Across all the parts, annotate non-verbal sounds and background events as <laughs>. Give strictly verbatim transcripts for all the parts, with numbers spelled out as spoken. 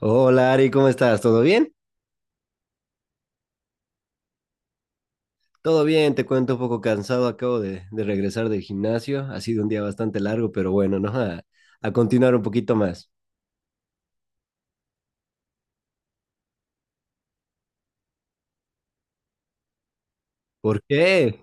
Hola Ari, ¿cómo estás? ¿Todo bien? Todo bien, te cuento, un poco cansado, acabo de, de regresar del gimnasio, ha sido un día bastante largo, pero bueno, ¿no? A, a continuar un poquito más. ¿Por qué?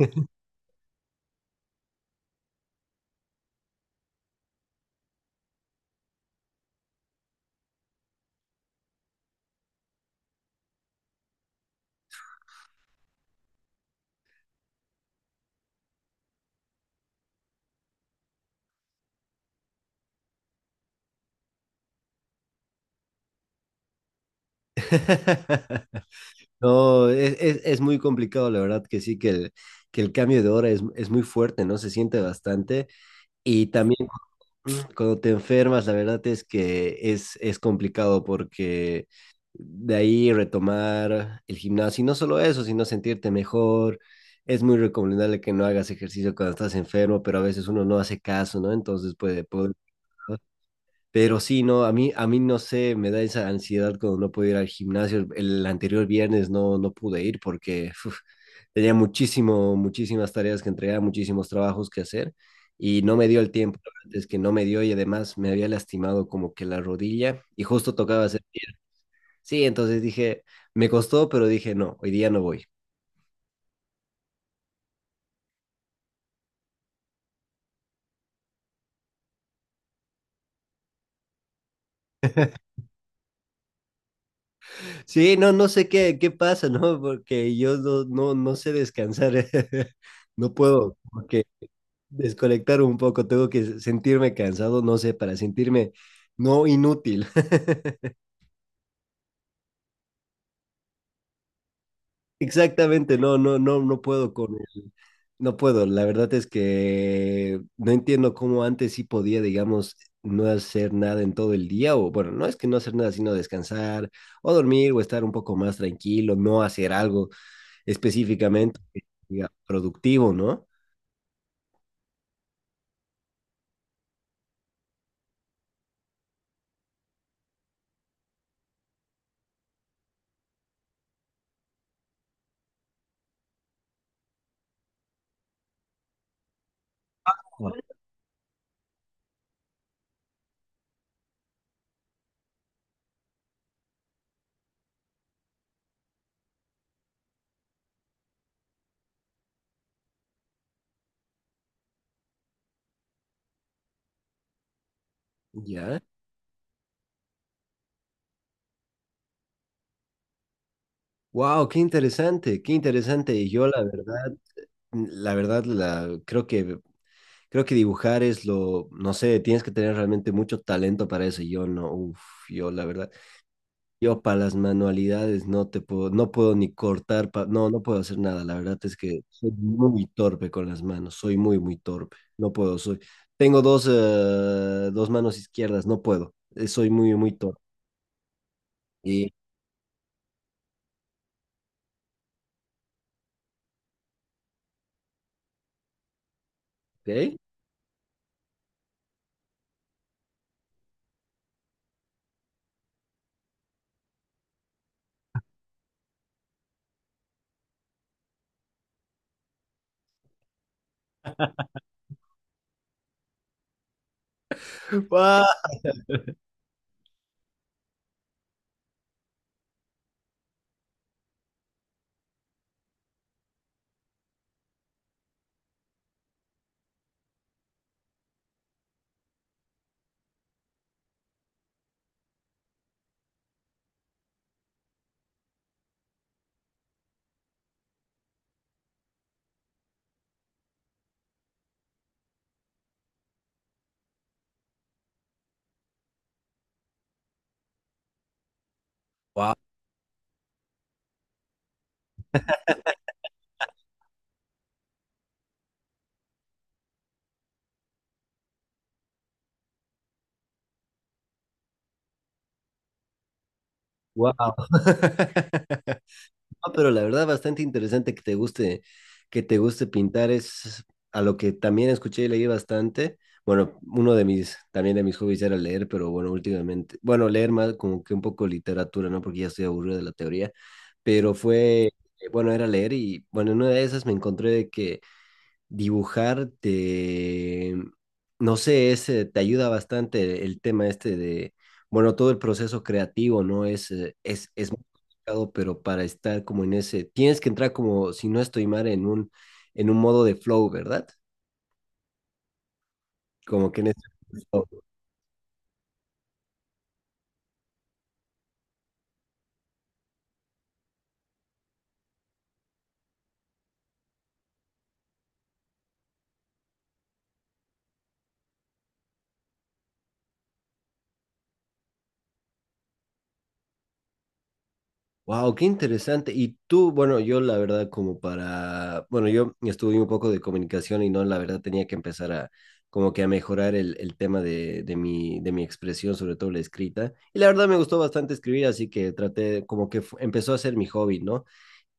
<laughs> No, es, es- es muy complicado, la verdad que sí, que el, que el cambio de hora es, es muy fuerte, ¿no? Se siente bastante. Y también, cuando te enfermas, la verdad es que es, es complicado porque de ahí retomar el gimnasio, y no solo eso, sino sentirte mejor. Es muy recomendable que no hagas ejercicio cuando estás enfermo, pero a veces uno no hace caso, ¿no? Entonces puede, puede. Pero sí, no, a mí, a mí no sé, me da esa ansiedad cuando no puedo ir al gimnasio. El anterior viernes no, no pude ir porque uf, tenía muchísimo, muchísimas tareas que entregar, muchísimos trabajos que hacer y no me dio el tiempo. Es que no me dio y además me había lastimado como que la rodilla y justo tocaba hacer pierna. Sí, entonces dije, me costó, pero dije, no, hoy día no voy. Sí, no, no sé qué, qué pasa, ¿no? Porque yo no, no, no sé descansar, <laughs> no puedo, porque desconectar un poco, tengo que sentirme cansado, no sé, para sentirme no inútil. <laughs> Exactamente, no, no, no, no puedo con el... No puedo. La verdad es que no entiendo cómo antes sí podía, digamos, no hacer nada en todo el día, o bueno, no es que no hacer nada, sino descansar, o dormir, o estar un poco más tranquilo, no hacer algo específicamente que sea productivo, ¿no? Wow. Ya. Wow, qué interesante, qué interesante. Y yo, la verdad. mm, La verdad, la, creo que, creo que dibujar es lo, no sé, tienes que tener realmente mucho talento para eso. Yo no, uff, yo la verdad, yo para las manualidades no te puedo, no puedo ni cortar, pa- no, no puedo hacer nada. La verdad es que soy muy torpe con las manos, soy muy, muy torpe. No puedo, soy, tengo dos, eh, dos manos izquierdas, no puedo. eh, Soy muy, muy torpe. Y, ¿ok? <laughs> ¡Guau! ¡Guau! ¡Guau! <laughs> No, pero la verdad, bastante interesante que te guste, que te guste pintar. Es a lo que también escuché y leí bastante. Bueno, uno de mis, también de mis hobbies era leer, pero bueno, últimamente, bueno, leer más como que un poco literatura, ¿no? Porque ya estoy aburrido de la teoría, pero fue, eh, bueno, era leer y bueno, en una de esas me encontré de que dibujar te, no sé, es, eh, te ayuda bastante el tema este de, bueno, todo el proceso creativo, ¿no? Es, eh, es, es muy complicado, pero para estar como en ese, tienes que entrar como, si no estoy mal, en un, en un modo de flow, ¿verdad? Como que en ese flow. Wow, qué interesante. Y tú, bueno, yo la verdad como para, bueno, yo estudié un poco de comunicación y no, la verdad tenía que empezar a como que a mejorar el, el tema de, de mi, de mi expresión, sobre todo la escrita. Y la verdad me gustó bastante escribir, así que traté como que fu- empezó a ser mi hobby, ¿no?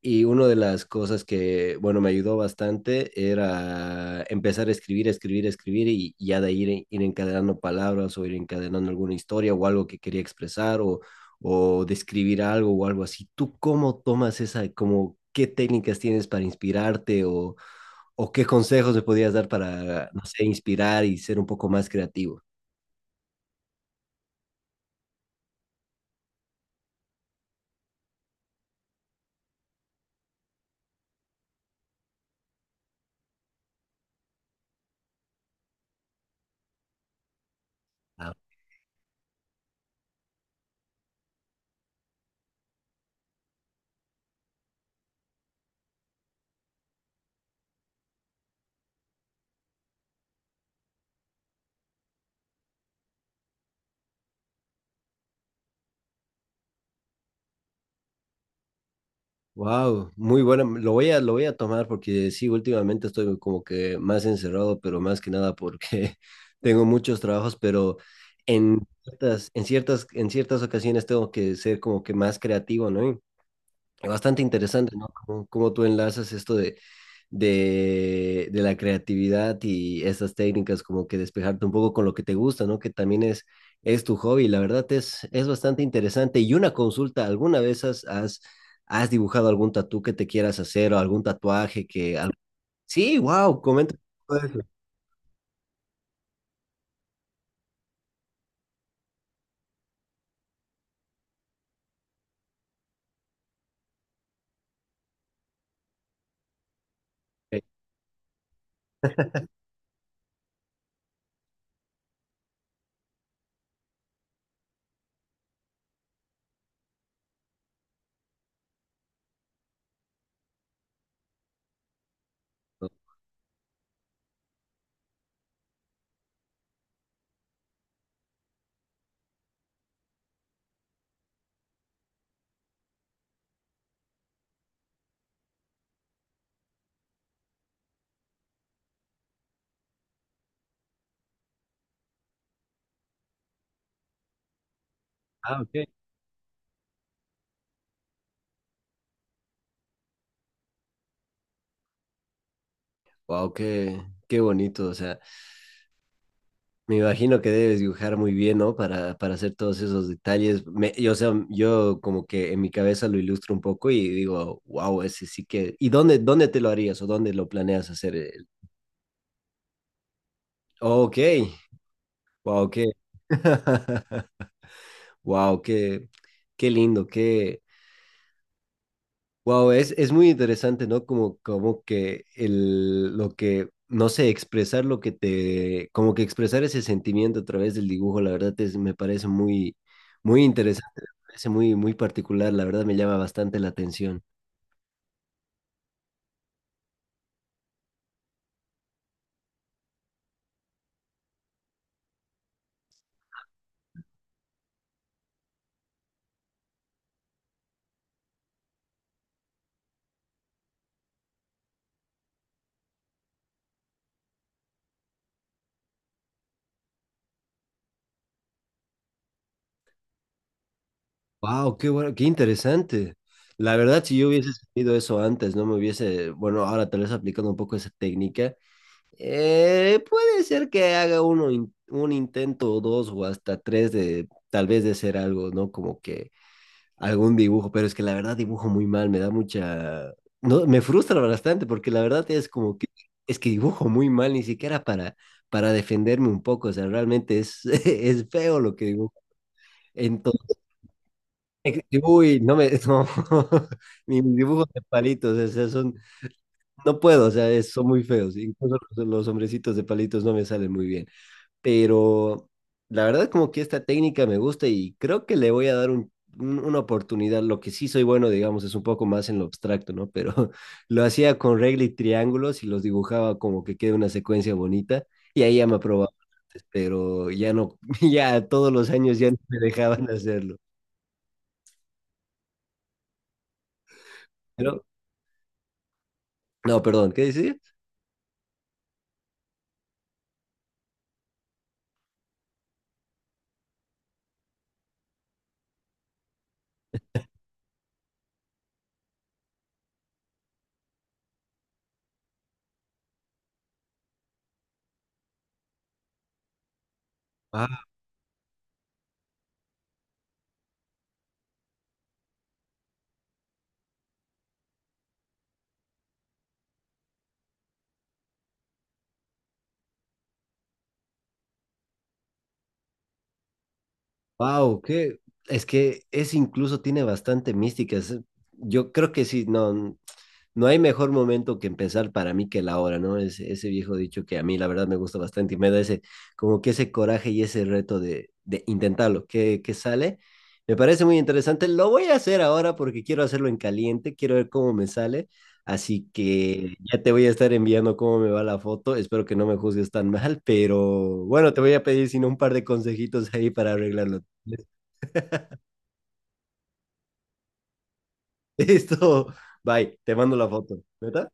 Y una de las cosas que, bueno, me ayudó bastante era empezar a escribir, escribir, escribir y y ya de ahí ir, ir encadenando palabras o ir encadenando alguna historia o algo que quería expresar o, o describir algo o algo así. ¿Tú cómo tomas esa, como qué técnicas tienes para inspirarte o, o qué consejos me podías dar para, no sé, inspirar y ser un poco más creativo? Ah, wow, muy bueno. Lo voy a, lo voy a tomar porque sí, últimamente estoy como que más encerrado, pero más que nada porque <laughs> tengo muchos trabajos, pero en ciertas, en ciertas, en ciertas ocasiones tengo que ser como que más creativo, ¿no? Y bastante interesante, ¿no? Como cómo tú enlazas esto de de, de la creatividad y esas técnicas, como que despejarte un poco con lo que te gusta, ¿no? Que también es, es tu hobby. La verdad es, es bastante interesante. Y una consulta, ¿alguna vez has, has, has dibujado algún tatú que te quieras hacer o algún tatuaje que... al- Sí, wow, comenta. Un eso. Ok. Ah, ok. Wow, qué, qué bonito, o sea. Me imagino que debes dibujar muy bien, ¿no? Para, para hacer todos esos detalles. Me- yo, o sea, yo como que en mi cabeza lo ilustro un poco y digo, wow, ese sí que... ¿Y dónde, dónde te lo harías o dónde lo planeas hacer? El- Ok, wow, qué... <laughs> Wow, qué, qué lindo, qué... Wow, es, es muy interesante, ¿no? Como, como que el, lo que, no sé, expresar lo que te, como que expresar ese sentimiento a través del dibujo, la verdad es, me parece muy, muy interesante, me parece muy, muy particular, la verdad me llama bastante la atención. Wow, qué bueno, qué interesante. La verdad, si yo hubiese sabido eso antes, no me hubiese, bueno, ahora tal vez aplicando un poco esa técnica, eh, puede ser que haga uno, in- un intento o dos o hasta tres de, tal vez de hacer algo, ¿no? Como que algún dibujo, pero es que la verdad dibujo muy mal, me da mucha... No, me frustra bastante porque la verdad es como que es que dibujo muy mal, ni siquiera para, para defenderme un poco, o sea, realmente es, <laughs> es feo lo que dibujo. Entonces, <laughs> uy, no me, no, <laughs> ni mis dibujos de palitos, o sea, son, no puedo, o sea, es- son muy feos, incluso los, los hombrecitos de palitos no me salen muy bien, pero la verdad como que esta técnica me gusta y creo que le voy a dar un- un- una oportunidad. Lo que sí soy bueno, digamos, es un poco más en lo abstracto, ¿no? Pero <laughs> lo hacía con regla y triángulos y los dibujaba como que quede una secuencia bonita y ahí ya me aprobaba antes, pero ya no, <laughs> ya todos los años ya no me dejaban hacerlo. Pero, no, perdón, ¿qué decías? Wow, que es que es incluso tiene bastante mística. Es- yo creo que sí, no, no hay mejor momento que empezar para mí que la hora, ¿no? Ese, ese viejo dicho que a mí la verdad me gusta bastante y me da ese, como que ese coraje y ese reto de, de intentarlo, que, que sale. Me parece muy interesante. Lo voy a hacer ahora porque quiero hacerlo en caliente, quiero ver cómo me sale. Así que ya te voy a estar enviando cómo me va la foto. Espero que no me juzgues tan mal, pero bueno, te voy a pedir sino un par de consejitos ahí para arreglarlo. <laughs> Listo, bye, te mando la foto. ¿Neta?